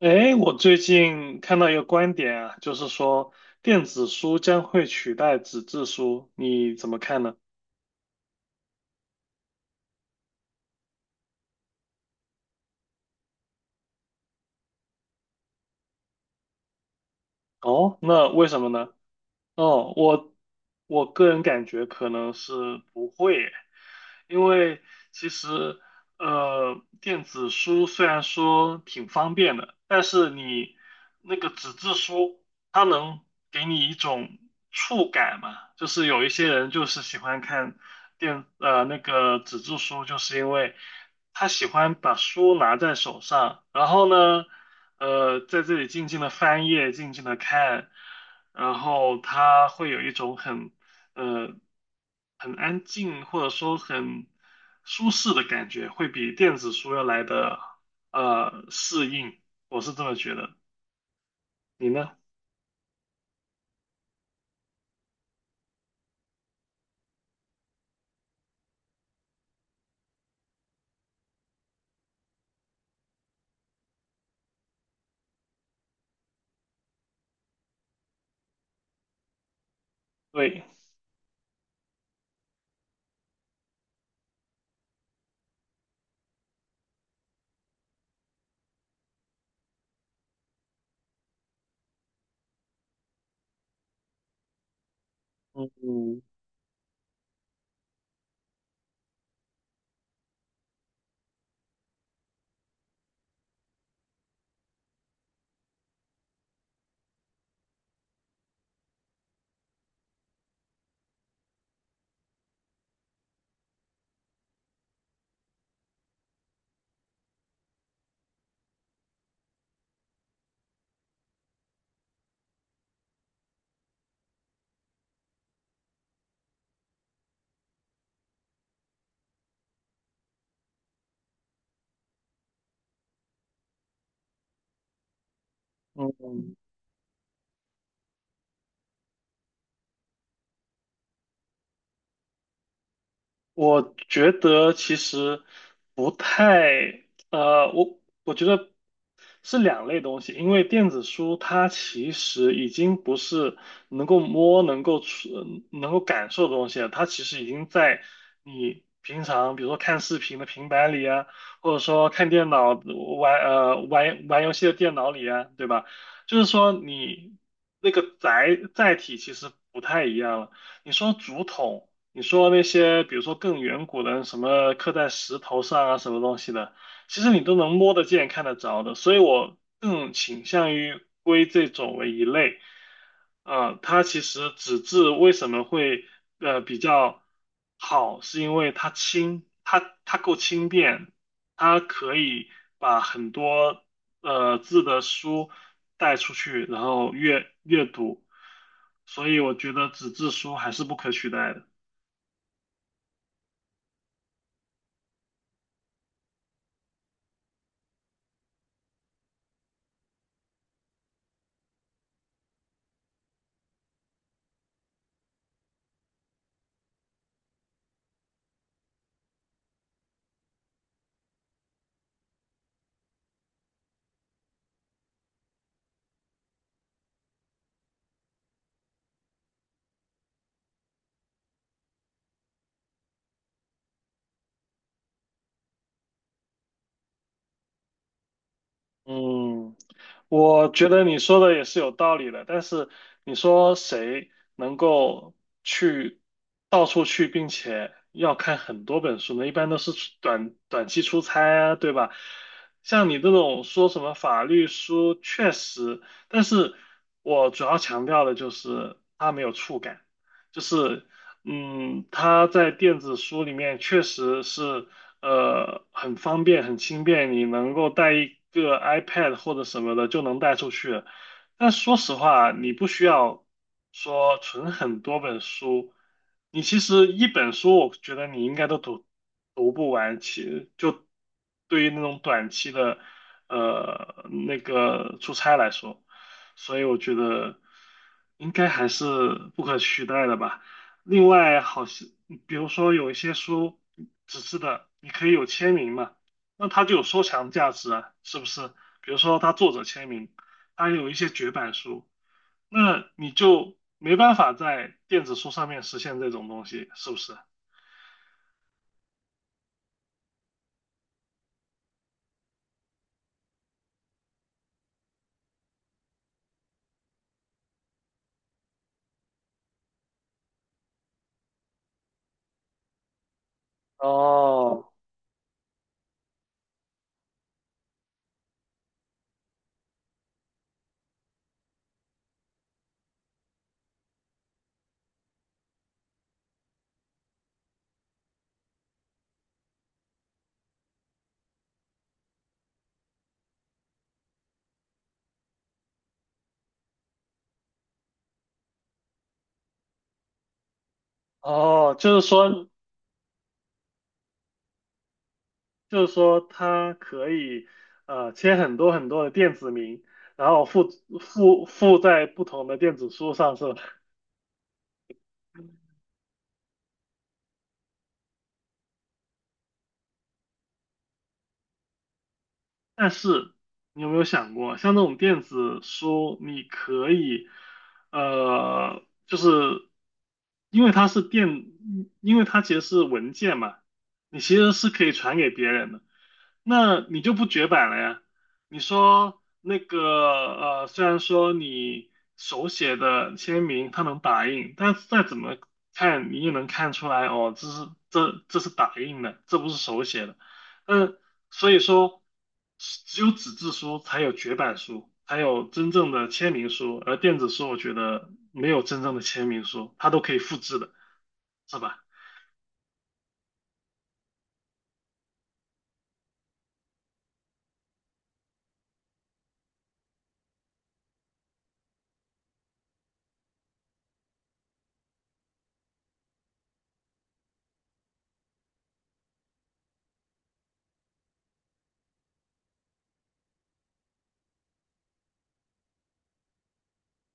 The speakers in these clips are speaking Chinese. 哎，我最近看到一个观点啊，就是说电子书将会取代纸质书，你怎么看呢？哦，那为什么呢？哦，我个人感觉可能是不会，因为其实电子书虽然说挺方便的，但是你那个纸质书，它能给你一种触感嘛，就是有一些人就是喜欢看那个纸质书，就是因为他喜欢把书拿在手上，然后呢。在这里静静的翻页，静静的看，然后它会有一种很呃很安静或者说很舒适的感觉，会比电子书要来的适应，我是这么觉得。你呢？对，嗯嗯嗯，我觉得其实不太，我觉得是两类东西，因为电子书它其实已经不是能够摸、能够触、能够感受的东西了，它其实已经在你平常，比如说看视频的平板里啊，或者说看电脑玩游戏的电脑里啊，对吧？就是说你那个载体其实不太一样了。你说竹筒。你说那些，比如说更远古的什么刻在石头上啊，什么东西的，其实你都能摸得见、看得着的，所以我更倾向于归这种为一类。啊、它其实纸质为什么会比较好，是因为它轻，它够轻便，它可以把很多字的书带出去，然后阅读，所以我觉得纸质书还是不可取代的。嗯，我觉得你说的也是有道理的，但是你说谁能够去到处去，并且要看很多本书呢？一般都是出短期出差啊，对吧？像你这种说什么法律书，确实，但是我主要强调的就是它没有触感，就是它在电子书里面确实是。很方便，很轻便，你能够带一个 iPad 或者什么的就能带出去。但说实话，你不需要说存很多本书，你其实一本书，我觉得你应该都读不完。就对于那种短期的那个出差来说，所以我觉得应该还是不可取代的吧。另外，好像比如说有一些书纸质的，你可以有签名嘛，那它就有收藏价值啊，是不是？比如说它作者签名，它有一些绝版书，那你就没办法在电子书上面实现这种东西，是不是？哦哦，就是说，它可以签很多很多的电子名，然后附在不同的电子书上，是吧？但是你有没有想过，像这种电子书，你可以，就是因为它是电，因为它其实是文件嘛，你其实是可以传给别人的，那你就不绝版了呀。你说那个，虽然说你手写的签名它能打印，但是再怎么看你也能看出来，哦，这是打印的，这不是手写的。嗯，所以说，只有纸质书才有绝版书，才有真正的签名书，而电子书我觉得没有真正的签名书，它都可以复制的，是吧？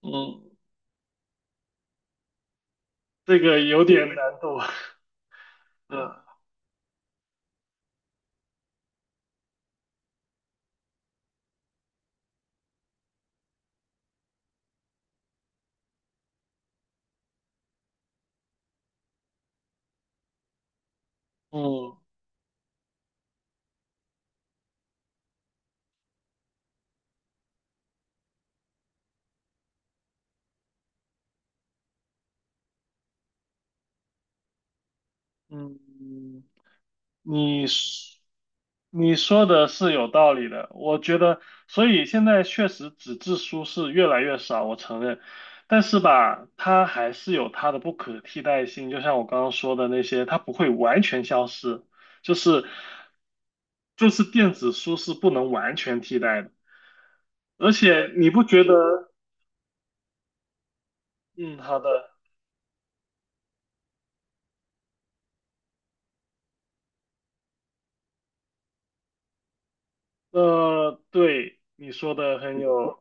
嗯，这个有点难度。嗯嗯嗯，你说你说的是有道理的，我觉得，所以现在确实纸质书是越来越少，我承认，但是吧，它还是有它的不可替代性，就像我刚刚说的那些，它不会完全消失，就是就是电子书是不能完全替代的，而且你不觉得？嗯，好的，对，你说的很有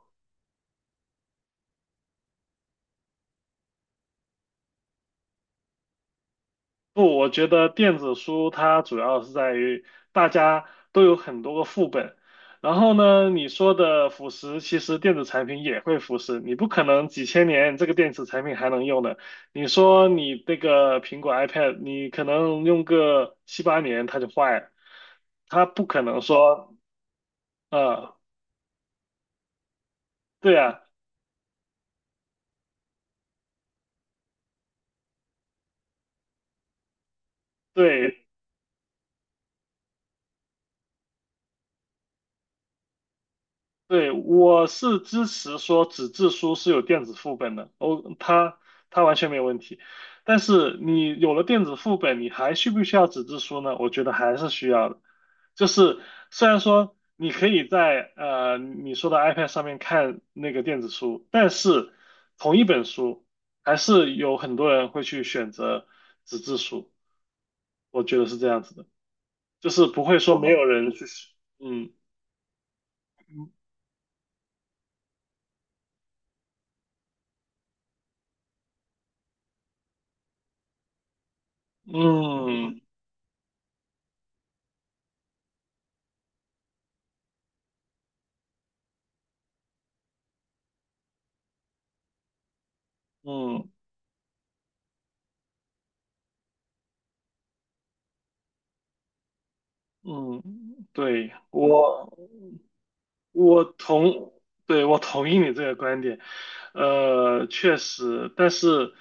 不，我觉得电子书它主要是在于大家都有很多个副本，然后呢，你说的腐蚀，其实电子产品也会腐蚀，你不可能几千年这个电子产品还能用的。你说你那个苹果 iPad，你可能用个七八年它就坏了，它不可能说，呃，对啊，对，对，我是支持说纸质书是有电子副本的，哦，它完全没有问题。但是你有了电子副本，你还需不需要纸质书呢？我觉得还是需要的。就是虽然说你可以在你说的 iPad 上面看那个电子书，但是同一本书还是有很多人会去选择纸质书，我觉得是这样子的，就是不会说没有人去，嗯嗯嗯。嗯嗯，对，我我同，对，我同意你这个观点，确实，但是，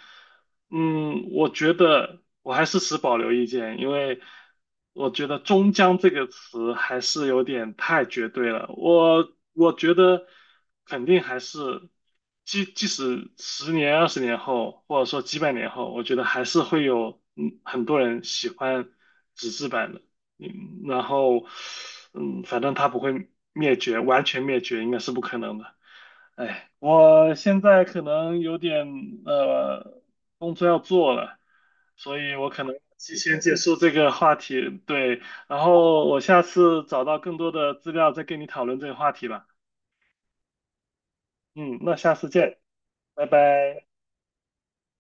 我觉得我还是持保留意见，因为我觉得"终将"这个词还是有点太绝对了。我觉得肯定还是，即使十年、20年后，或者说几百年后，我觉得还是会有很多人喜欢纸质版的。然后，反正它不会灭绝，完全灭绝应该是不可能的。哎，我现在可能有点呃工作要做了，所以我可能提前结束这个话题。对，然后我下次找到更多的资料再跟你讨论这个话题吧。嗯，那下次见，拜拜。